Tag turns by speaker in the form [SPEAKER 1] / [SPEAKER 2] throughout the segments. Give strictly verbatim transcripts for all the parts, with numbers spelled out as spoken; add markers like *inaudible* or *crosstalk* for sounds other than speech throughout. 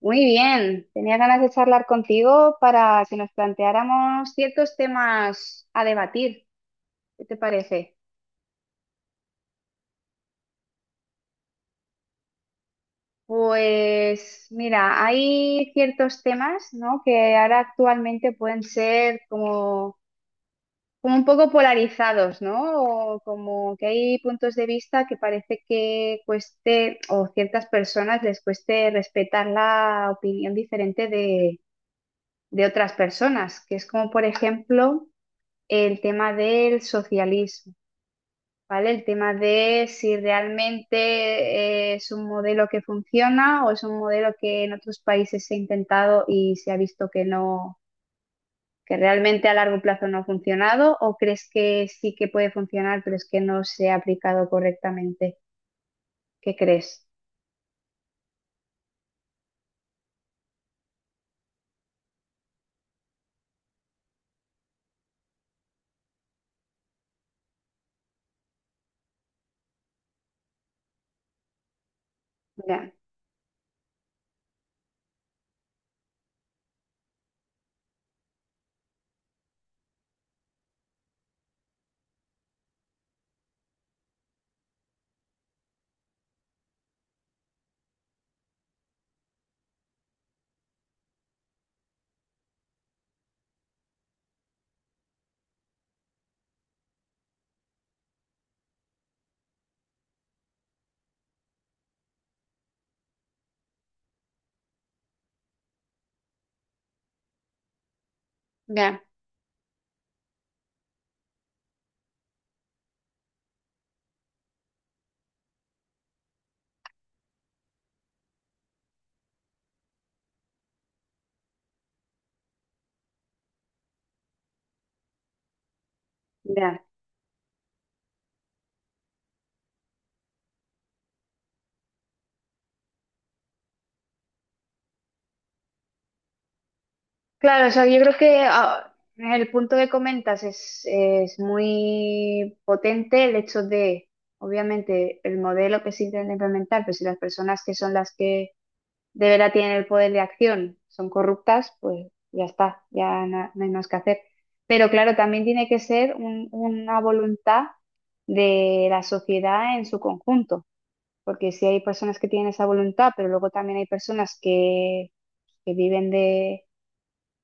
[SPEAKER 1] Muy bien, tenía ganas de charlar contigo para que nos planteáramos ciertos temas a debatir. ¿Qué te parece? Pues mira, hay ciertos temas, ¿no? Que ahora actualmente pueden ser como, como un poco polarizados, ¿no? O como que hay puntos de vista que parece que cueste o ciertas personas les cueste respetar la opinión diferente de, de otras personas, que es como por ejemplo el tema del socialismo, ¿vale? El tema de si realmente eh, es un modelo que funciona o es un modelo que en otros países se ha intentado y se ha visto que no, que realmente a largo plazo no ha funcionado, o crees que sí que puede funcionar, pero es que no se ha aplicado correctamente. ¿Qué crees? Ya, ya, ya. Claro, o sea, yo creo que ah, el punto que comentas es, es muy potente el hecho de, obviamente, el modelo que se intenta implementar, pero si las personas que son las que de verdad tienen el poder de acción son corruptas, pues ya está, ya na- no hay más que hacer. Pero claro, también tiene que ser un- una voluntad de la sociedad en su conjunto, porque si hay personas que tienen esa voluntad, pero luego también hay personas que que viven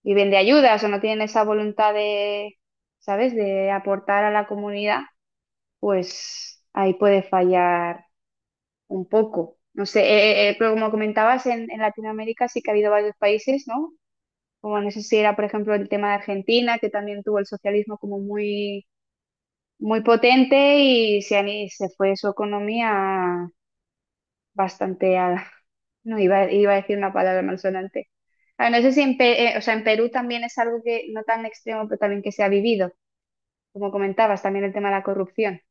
[SPEAKER 1] viven de ayudas o no tienen esa voluntad de, ¿sabes?, de aportar a la comunidad, pues ahí puede fallar un poco. No sé, eh, eh, eh, Pero como comentabas, en, en Latinoamérica sí que ha habido varios países, ¿no? Como no sé si era, por ejemplo, el tema de Argentina, que también tuvo el socialismo como muy, muy potente y se, han- y se fue su economía bastante a- no, iba, iba a decir una palabra malsonante. Ah, no sé si en, Pe- eh, O sea, en Perú también es algo que no tan extremo, pero también que se ha vivido, como comentabas, también el tema de la corrupción.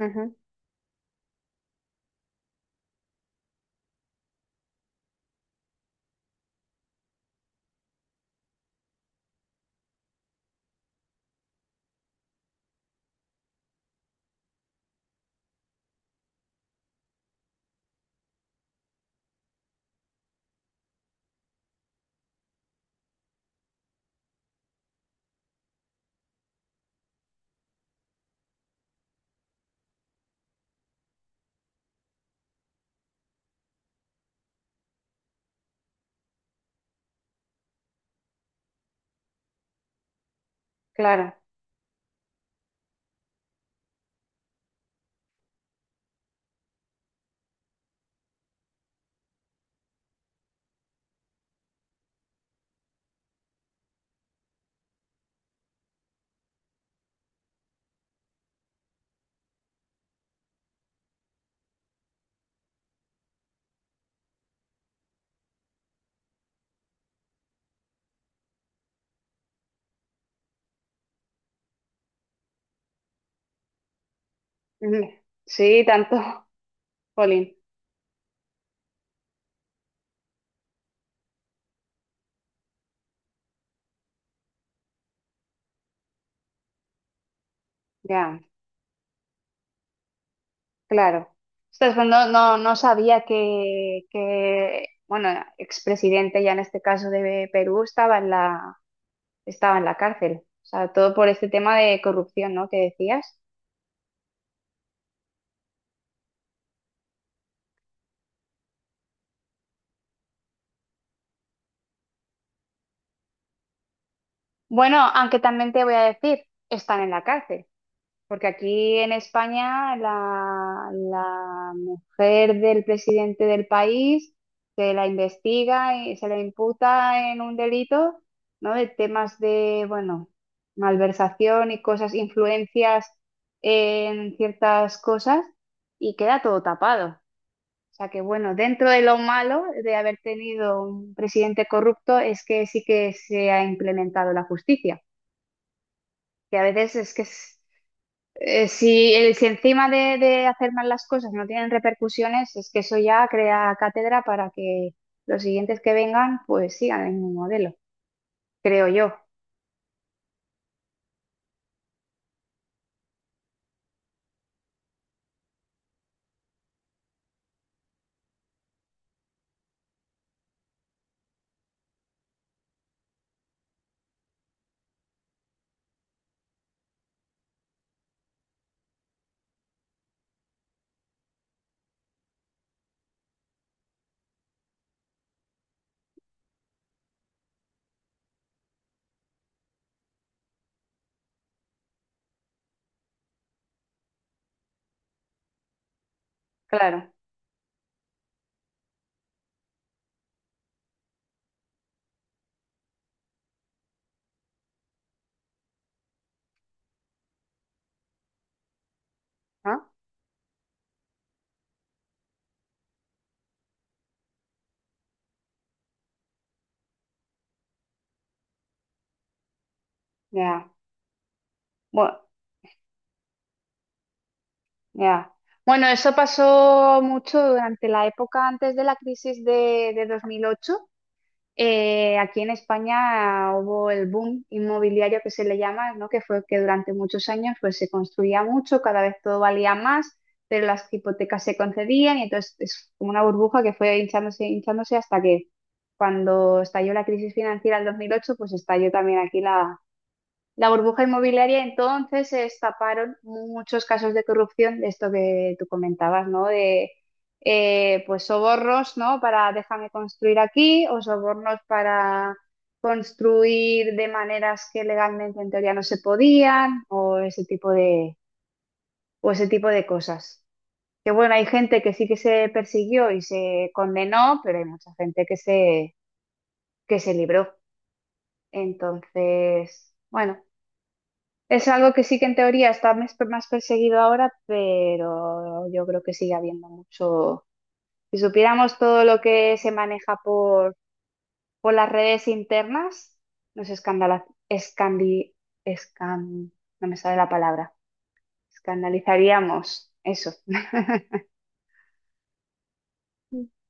[SPEAKER 1] Ujú, claro. Ujú. Sí, tanto, *laughs* Polín. Ya, claro. Ostras, pues no, no, no sabía que, que, bueno, expresidente ya en este caso de Perú estaba en la, estaba en la cárcel. O sea, todo por este tema de corrupción, ¿no? Que decías. Bueno, aunque también te voy a decir, están en la cárcel, porque aquí en España la, la mujer del presidente del país se la investiga y se la imputa en un delito, ¿no? De temas de, bueno, malversación y cosas, influencias en ciertas cosas y queda todo tapado. O sea que, bueno, dentro de lo malo de haber tenido un presidente corrupto es que sí que se ha implementado la justicia, que a veces es que es- eh, si, el- si encima de, de hacer mal las cosas no tienen repercusiones, es que eso ya crea cátedra para que los siguientes que vengan pues sigan el mismo modelo, creo yo, claro, ¿no? Ya, bueno, ya. Bueno, eso pasó mucho durante la época antes de la crisis de, de dos mil ocho. Eh, aquí en España hubo el boom inmobiliario que se le llama, ¿no? Que fue que durante muchos años pues, se construía mucho, cada vez todo valía más, pero las hipotecas se concedían y entonces es como una burbuja que fue hinchándose, hinchándose hasta que cuando estalló la crisis financiera en dos mil ocho, pues estalló también aquí la la burbuja inmobiliaria, entonces se destaparon muchos casos de corrupción, de esto que tú comentabas, ¿no? De eh, Pues sobornos, ¿no? Para déjame construir aquí, o sobornos para construir de maneras que legalmente en teoría no se podían, o ese tipo de, o ese tipo de cosas. Que bueno, hay gente que sí que se persiguió y se condenó, pero hay mucha gente que se, que se libró. Entonces, bueno. Es algo que sí que en teoría está mes- más perseguido ahora, pero yo creo que sigue habiendo mucho. Si supiéramos todo lo que se maneja por, por las redes internas, nos escandala, escandi, escan, no me sale la palabra. Escandalizaríamos eso. *laughs*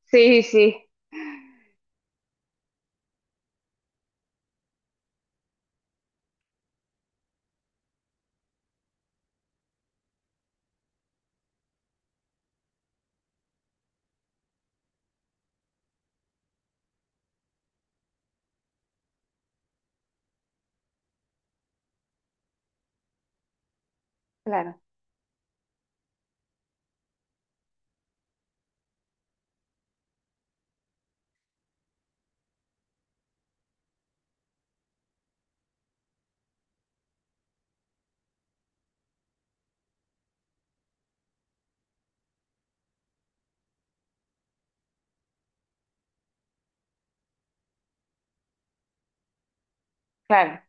[SPEAKER 1] Sí, sí, claro, claro,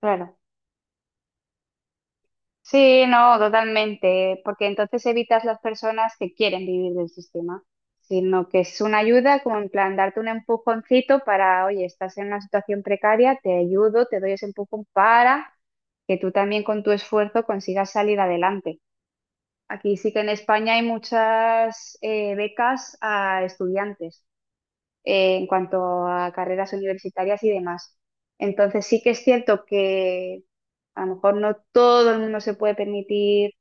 [SPEAKER 1] claro. Sí, no, totalmente, porque entonces evitas las personas que quieren vivir del sistema, sino que es una ayuda como en plan darte un empujoncito para, oye, estás en una situación precaria, te ayudo, te doy ese empujón para que tú también con tu esfuerzo consigas salir adelante. Aquí sí que en España hay muchas eh, becas a estudiantes eh, en cuanto a carreras universitarias y demás. Entonces sí que es cierto que a lo mejor no todo el mundo se puede permitir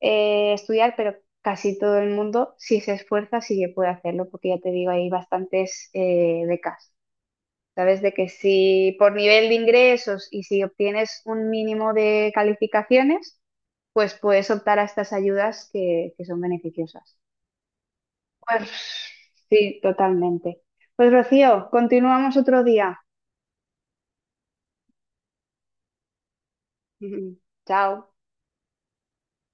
[SPEAKER 1] eh, estudiar, pero casi todo el mundo, si se esfuerza, sí que puede hacerlo, porque ya te digo, hay bastantes eh, becas. Sabes de que si por nivel de ingresos y si obtienes un mínimo de calificaciones, pues puedes optar a estas ayudas que, que son beneficiosas. Pues sí, totalmente. Pues Rocío, continuamos otro día. *laughs* Chao.